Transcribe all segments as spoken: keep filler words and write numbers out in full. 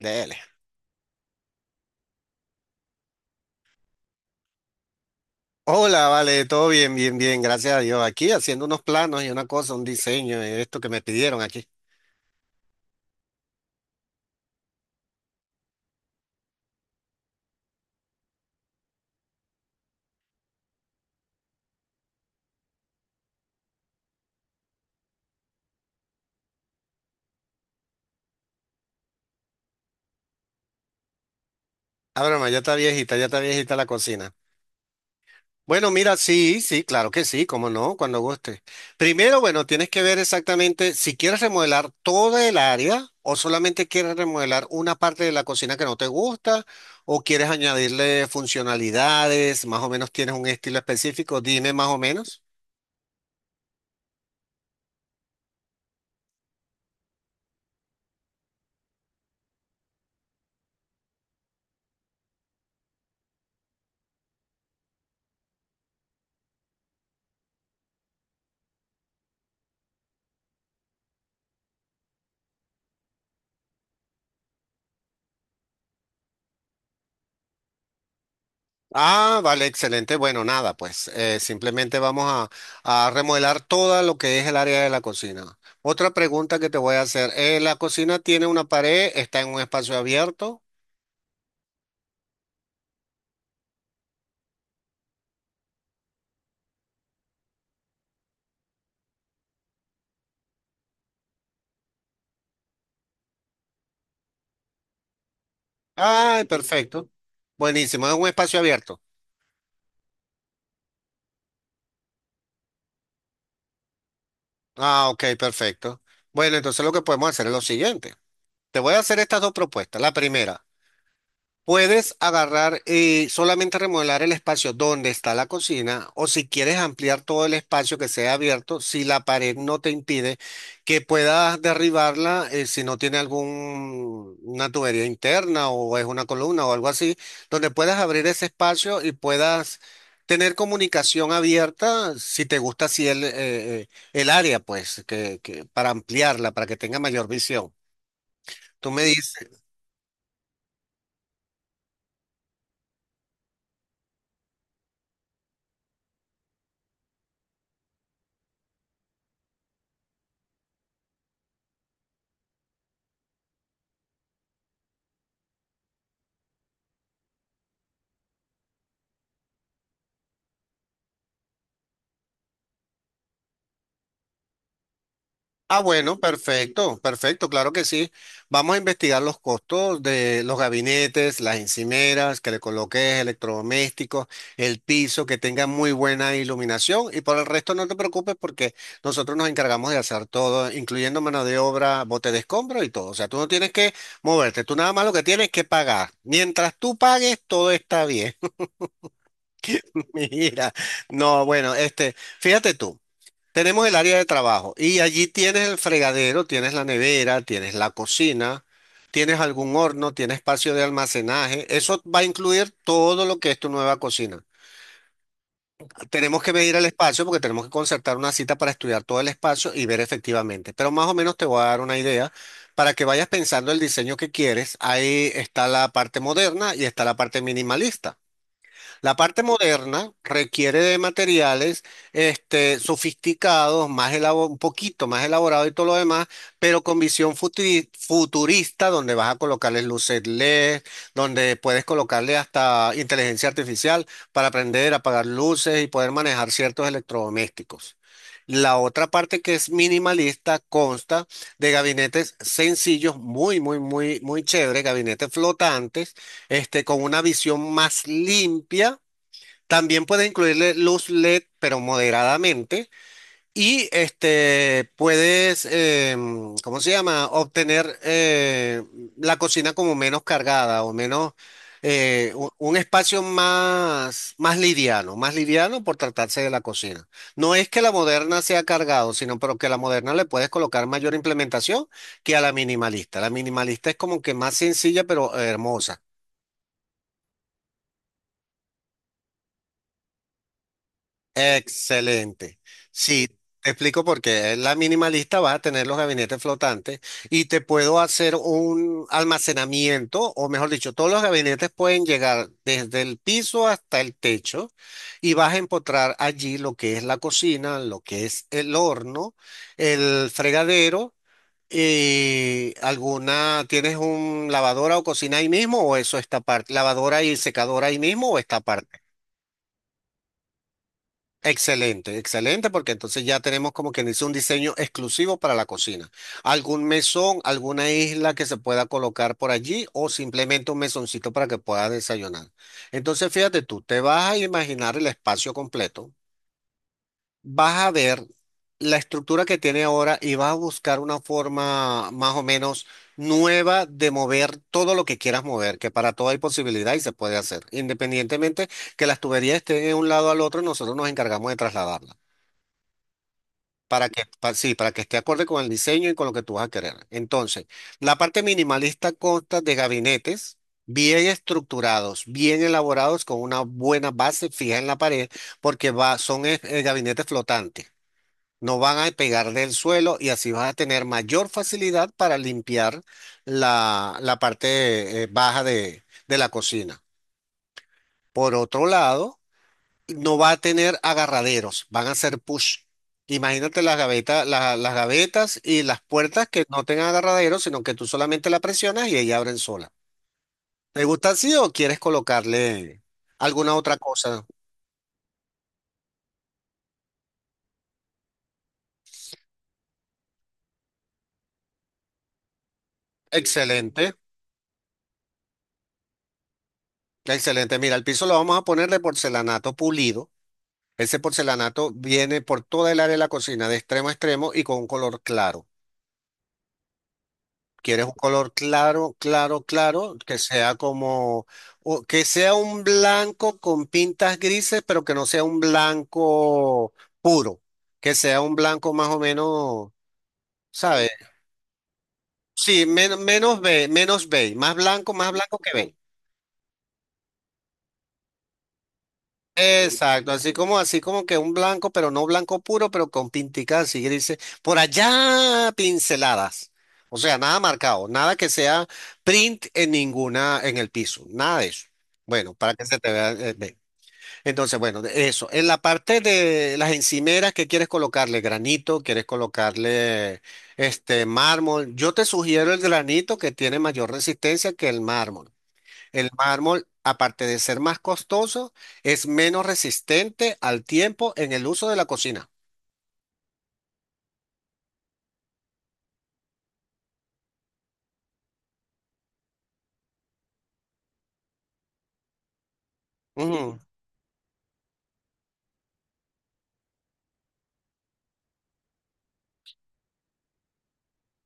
Dele. Hola, vale, todo bien, bien, bien, gracias a Dios. Aquí haciendo unos planos y una cosa, un diseño, eh, esto que me pidieron aquí. Ah, broma, ya está viejita, ya está viejita la cocina. Bueno, mira, sí, sí, claro que sí, cómo no, cuando guste. Primero, bueno, tienes que ver exactamente si quieres remodelar toda el área o solamente quieres remodelar una parte de la cocina que no te gusta o quieres añadirle funcionalidades, más o menos tienes un estilo específico, dime más o menos. Ah, vale, excelente. Bueno, nada, pues eh, simplemente vamos a, a remodelar todo lo que es el área de la cocina. Otra pregunta que te voy a hacer. Eh, ¿la cocina tiene una pared? ¿Está en un espacio abierto? Ay, perfecto. Buenísimo, es un espacio abierto. Ah, ok, perfecto. Bueno, entonces lo que podemos hacer es lo siguiente. Te voy a hacer estas dos propuestas. La primera. Puedes agarrar y solamente remodelar el espacio donde está la cocina o si quieres ampliar todo el espacio que sea abierto, si la pared no te impide que puedas derribarla, eh, si no tiene alguna tubería interna o es una columna o algo así, donde puedas abrir ese espacio y puedas tener comunicación abierta si te gusta así el, eh, eh, el área, pues, que, que- para ampliarla, para que tenga mayor visión. Tú me dices. Ah, bueno, perfecto, perfecto, claro que sí. Vamos a investigar los costos de los gabinetes, las encimeras, que le coloques electrodomésticos, el piso, que tenga muy buena iluminación y por el resto no te preocupes porque nosotros nos encargamos de hacer todo, incluyendo mano de obra, bote de escombro y todo. O sea, tú no tienes que moverte, tú nada más lo que tienes es que pagar. Mientras tú pagues, todo está bien. Mira, no, bueno, este, fíjate tú. Tenemos el área de trabajo y allí tienes el fregadero, tienes la nevera, tienes la cocina, tienes algún horno, tienes espacio de almacenaje. Eso va a incluir todo lo que es tu nueva cocina. Tenemos que medir el espacio porque tenemos que concertar una cita para estudiar todo el espacio y ver efectivamente. Pero más o menos te voy a dar una idea para que vayas pensando el diseño que quieres. Ahí está la parte moderna y está la parte minimalista. La parte moderna requiere de materiales este, sofisticados, más elabo- un poquito más elaborados y todo lo demás, pero con visión futuri- futurista, donde vas a colocarles luces L E D, donde puedes colocarle hasta inteligencia artificial para aprender a apagar luces y poder manejar ciertos electrodomésticos. La otra parte que es minimalista consta de gabinetes sencillos, muy, muy, muy, muy chévere, gabinetes flotantes, este, con una visión más limpia también puedes incluirle luz L E D, pero moderadamente. Y este, puedes, em, ¿cómo se llama? Obtener eh, la cocina como menos cargada o menos, eh, u- un, espacio más, más liviano, más liviano por tratarse de la cocina. No es que la moderna sea cargado, sino pero que a la moderna le puedes colocar mayor implementación que a la minimalista. La minimalista es como que más sencilla, pero hermosa. Excelente. Sí, te explico por qué. La minimalista va a tener los gabinetes flotantes y te puedo hacer un almacenamiento, o mejor dicho, todos los gabinetes pueden llegar desde el piso hasta el techo y vas a encontrar allí lo que es la cocina, lo que es el horno, el fregadero y alguna, ¿tienes un lavadora o cocina ahí mismo o eso está aparte? ¿Lavadora y secadora ahí mismo o está aparte? Excelente, excelente, porque entonces ya tenemos como quien dice un diseño exclusivo para la cocina. ¿Algún mesón, alguna isla que se pueda colocar por allí o simplemente un mesoncito para que pueda desayunar? Entonces, fíjate tú, te vas a imaginar el espacio completo, vas a ver la estructura que tiene ahora y vas a buscar una forma más o menos nueva de mover todo lo que quieras mover, que para todo hay posibilidad y se puede hacer. Independientemente que las tuberías estén de un lado al otro, nosotros nos encargamos de trasladarlas. Para que, pa- sí, para que esté acorde con el diseño y con lo que tú vas a querer. Entonces, la parte minimalista consta de gabinetes bien estructurados, bien elaborados, con una buena base fija en la pared, porque va, son eh, eh, gabinetes flotantes. No van a pegar del suelo y así vas a tener mayor facilidad para limpiar la, la parte eh, baja de, de la cocina. Por otro lado, no va a tener agarraderos, van a ser push. Imagínate las gavetas, la- las gavetas y las puertas que no tengan agarraderos, sino que tú solamente la presionas y ella abren sola. ¿Te gusta así o quieres colocarle alguna otra cosa? Excelente, excelente. Mira, el piso lo vamos a poner de porcelanato pulido. Ese porcelanato viene por toda el área de la cocina, de extremo a extremo y con un color claro. Quieres un color claro, claro, claro, que sea como, o que sea un blanco con pintas grises, pero que no sea un blanco puro, que sea un blanco más o menos, ¿sabes? Sí, men- menos be- menos beige, más blanco, más blanco que beige. Exacto, así como, así como que un blanco, pero no blanco puro, pero con pinticas así grises, por allá pinceladas. O sea, nada marcado, nada que sea print en ninguna, en el piso, nada de eso. Bueno, para que se te vea eh, bien. Entonces, bueno, de eso. En la parte de las encimeras, ¿qué quieres colocarle? Granito, quieres colocarle este mármol. Yo te sugiero el granito que tiene mayor resistencia que el mármol. El mármol, aparte de ser más costoso, es menos resistente al tiempo en el uso de la cocina. Ujú.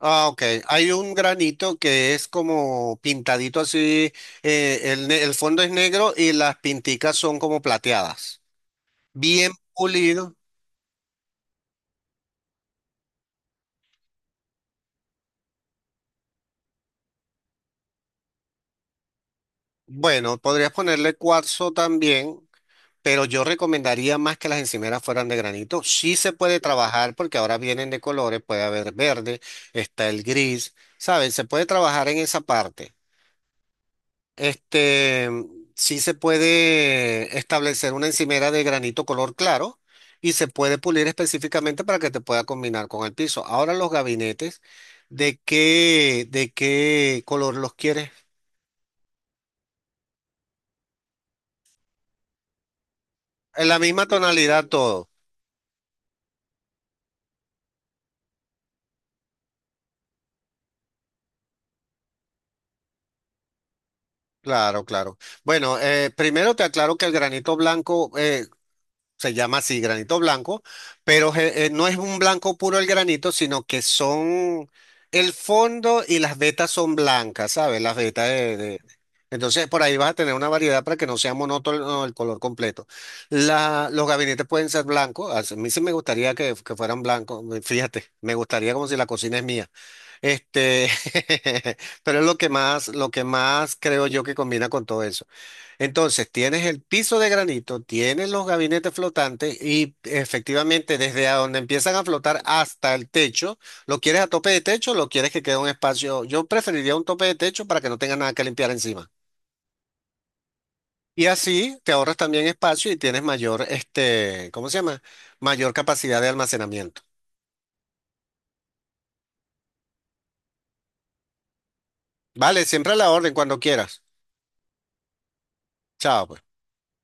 Ah, ok. Hay un granito que es como pintadito así, eh, el, ne- el fondo es negro y las pinticas son como plateadas. Bien pulido. Bueno, podrías ponerle cuarzo también. Pero yo recomendaría más que las encimeras fueran de granito. Sí se puede trabajar porque ahora vienen de colores, puede haber verde, está el gris, ¿saben? Se puede trabajar en esa parte. Este, sí se puede establecer una encimera de granito color claro y se puede pulir específicamente para que te pueda combinar con el piso. Ahora los gabinetes, ¿de qué, de qué color los quieres? En la misma tonalidad todo. Claro, claro. Bueno, eh, primero te aclaro que el granito blanco eh, se llama así, granito blanco, pero je- eh, no es un blanco puro el granito, sino que son el fondo y las vetas son blancas, ¿sabes? Las vetas de, de- Entonces por ahí vas a tener una variedad para que no sea monótono el color completo. La, los gabinetes pueden ser blancos, a mí sí me gustaría que, que fueran blancos, fíjate, me gustaría como si la cocina es mía. Este, pero es lo que más, lo que más creo yo que combina con todo eso. Entonces, tienes el piso de granito, tienes los gabinetes flotantes y efectivamente desde a donde empiezan a flotar hasta el techo, ¿lo quieres a tope de techo o lo quieres que quede un espacio? Yo preferiría un tope de techo para que no tenga nada que limpiar encima. Y así te ahorras también espacio y tienes mayor, este, ¿cómo se llama? Mayor capacidad de almacenamiento. Vale, siempre a la orden cuando quieras. Chao. Pues.